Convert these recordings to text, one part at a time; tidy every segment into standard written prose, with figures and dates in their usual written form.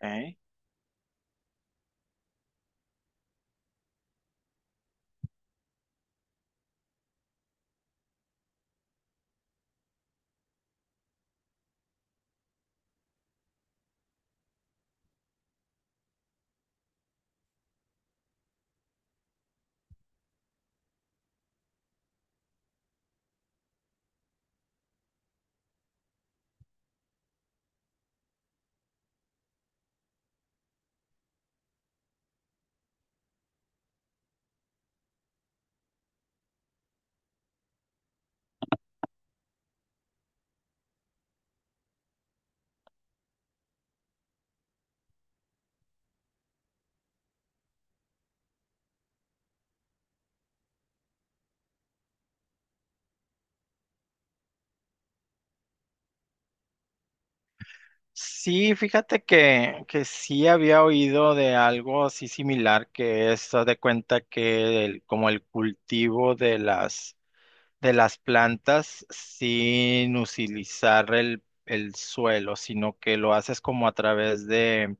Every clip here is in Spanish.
Ok. Sí, fíjate que, sí había oído de algo así similar, que es, haz de cuenta que el, como el cultivo de las, plantas sin utilizar el, suelo, sino que lo haces como a través de,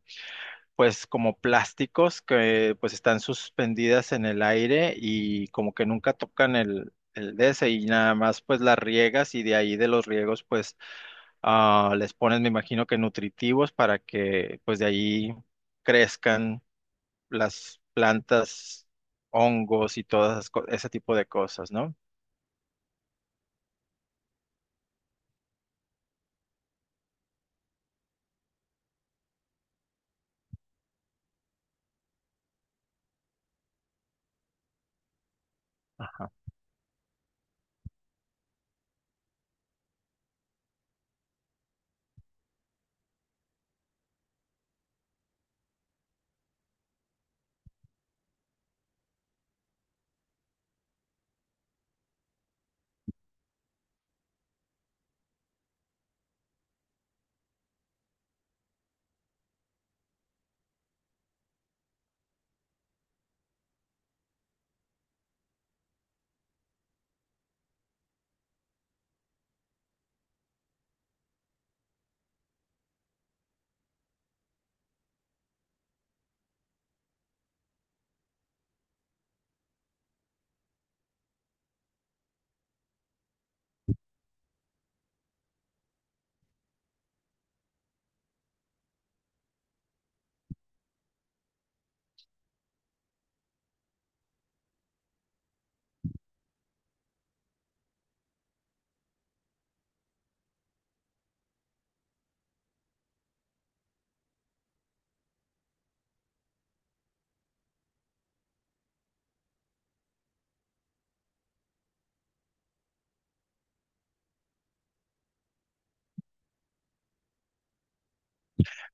pues como plásticos que pues están suspendidas en el aire y como que nunca tocan el, de ese y nada más pues las riegas, y de ahí de los riegos pues ah, les pones, me imagino que nutritivos, para que pues de ahí crezcan las plantas, hongos y todas esas ese tipo de cosas, ¿no? Ajá.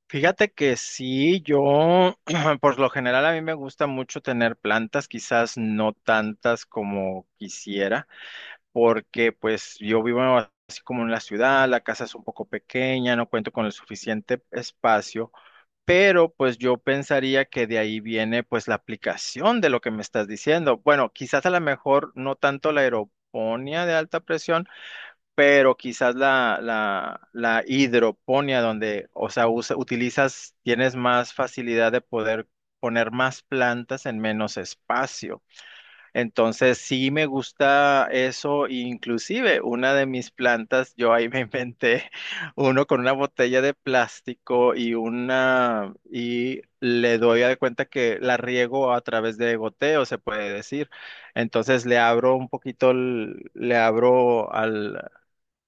Fíjate que sí, yo por lo general a mí me gusta mucho tener plantas, quizás no tantas como quisiera, porque pues yo vivo así como en la ciudad, la casa es un poco pequeña, no cuento con el suficiente espacio, pero pues yo pensaría que de ahí viene pues la aplicación de lo que me estás diciendo. Bueno, quizás a lo mejor no tanto la aeroponía de alta presión, pero quizás la hidroponía donde, o sea, utilizas, tienes más facilidad de poder poner más plantas en menos espacio. Entonces sí me gusta eso, inclusive una de mis plantas, yo ahí me inventé uno con una botella de plástico y una, y le doy de cuenta que la riego a través de goteo, se puede decir. Entonces le abro un poquito, le abro al,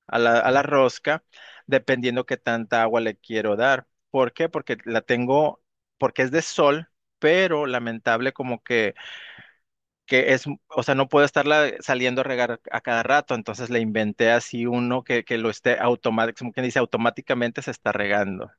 a la, rosca, dependiendo qué tanta agua le quiero dar. ¿Por qué? Porque la tengo, porque es de sol, pero lamentable como que es, o sea, no puedo estarla saliendo a regar a cada rato, entonces le inventé así uno que, lo esté automáticamente, como quien dice, automáticamente se está regando.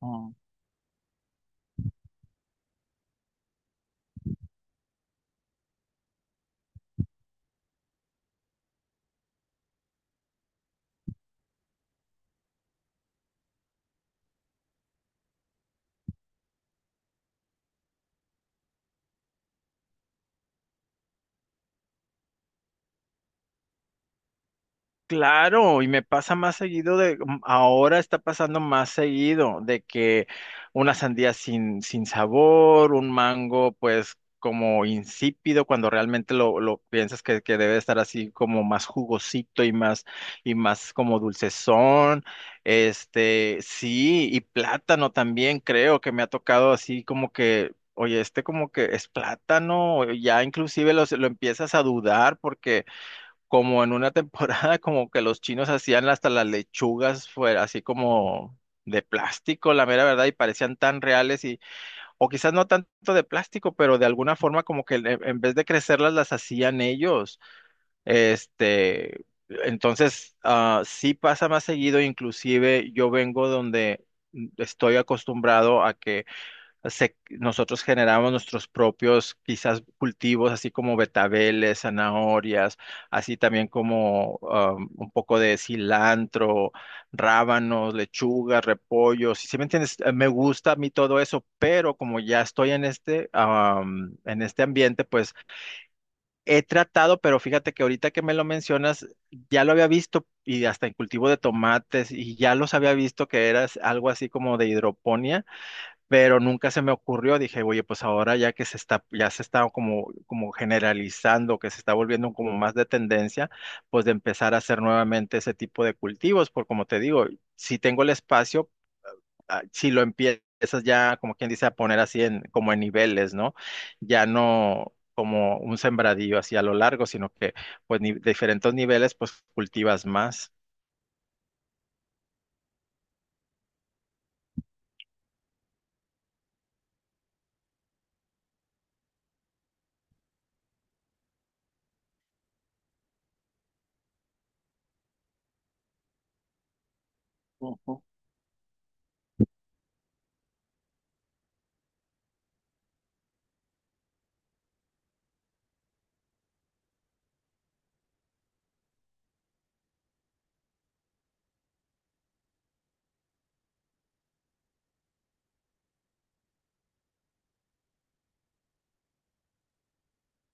Ujú. Claro, y me pasa más seguido de, ahora está pasando más seguido de que una sandía sin, sabor, un mango pues como insípido, cuando realmente lo, piensas que, debe estar así como más jugosito y más como dulcezón. Este, sí, y plátano también creo que me ha tocado así como que oye, este como que es plátano, ya inclusive lo empiezas a dudar, porque como en una temporada como que los chinos hacían hasta las lechugas fuera así como de plástico, la mera verdad, y parecían tan reales, y o quizás no tanto de plástico, pero de alguna forma como que en vez de crecerlas las hacían ellos. Este, entonces ah, sí pasa más seguido, inclusive yo vengo donde estoy acostumbrado a que nosotros generamos nuestros propios quizás cultivos, así como betabeles, zanahorias, así también como un poco de cilantro, rábanos, lechugas, repollos. Si me entiendes, eh, me gusta a mí todo eso, pero como ya estoy en este ambiente, pues he tratado, pero fíjate que ahorita que me lo mencionas, ya lo había visto. Y hasta en cultivo de tomates, y ya los había visto que era algo así como de hidroponía, pero nunca se me ocurrió, dije, oye, pues ahora ya que se está, ya se está como generalizando, que se está volviendo como más de tendencia, pues de empezar a hacer nuevamente ese tipo de cultivos, por como te digo, si tengo el espacio, ah, si lo empiezas ya, como quien dice, a poner así en, como en niveles, ¿no? Ya no como un sembradío así a lo largo, sino que pues de diferentes niveles, pues cultivas más. Ujú,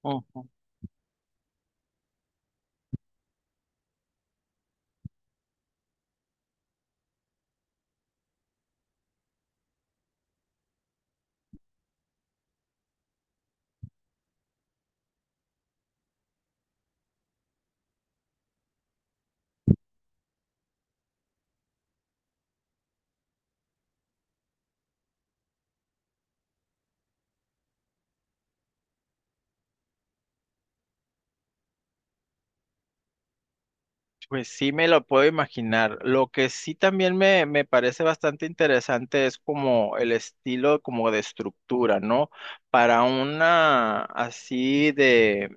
ujú. Pues sí me lo puedo imaginar. Lo que sí también me, parece bastante interesante es como el estilo como de estructura, ¿no? Para una así de,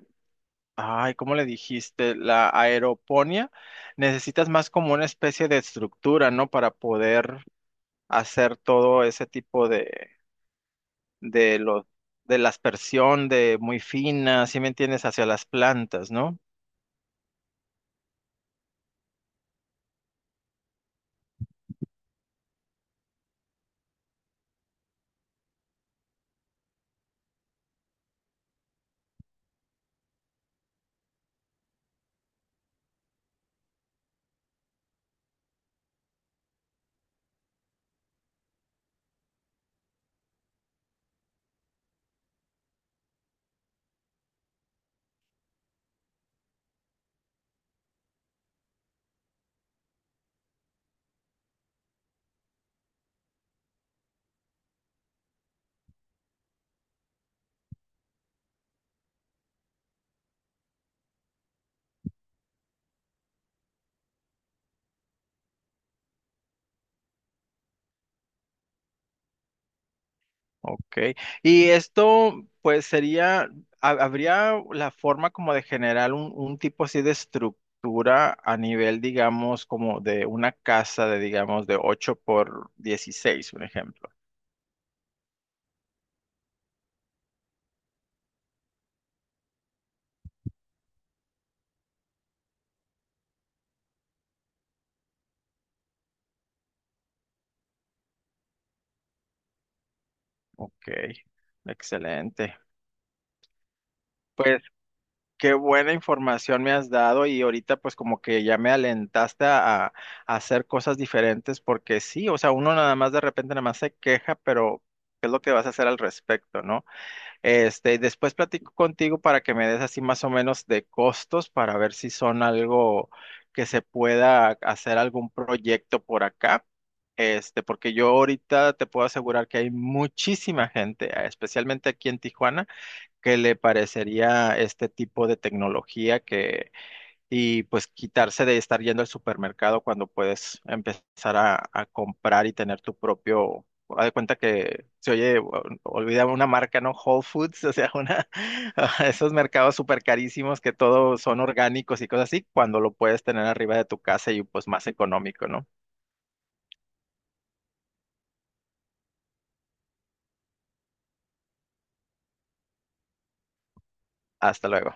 ay, ¿cómo le dijiste? La aeroponía, necesitas más como una especie de estructura, ¿no? Para poder hacer todo ese tipo de los, de la aspersión de muy fina, ¿sí me entiendes? Hacia las plantas, ¿no? Ok, y esto pues sería, habría la forma como de generar un tipo así de estructura a nivel, digamos, como de una casa de, digamos, de 8 por 16, un ejemplo. Ok, excelente. Qué buena información me has dado, y ahorita pues como que ya me alentaste a, hacer cosas diferentes, porque sí, o sea, uno nada más de repente nada más se queja, pero ¿qué es lo que vas a hacer al respecto, no? Este, después platico contigo para que me des así más o menos de costos, para ver si son algo que se pueda hacer algún proyecto por acá. Este, porque yo ahorita te puedo asegurar que hay muchísima gente, especialmente aquí en Tijuana, que le parecería este tipo de tecnología que, y pues quitarse de estar yendo al supermercado cuando puedes empezar a, comprar y tener tu propio, haz de cuenta que se oye, olvidaba una marca, ¿no? Whole Foods, o sea, una, esos mercados súper carísimos que todos son orgánicos y cosas así, cuando lo puedes tener arriba de tu casa y pues más económico, ¿no? Hasta luego.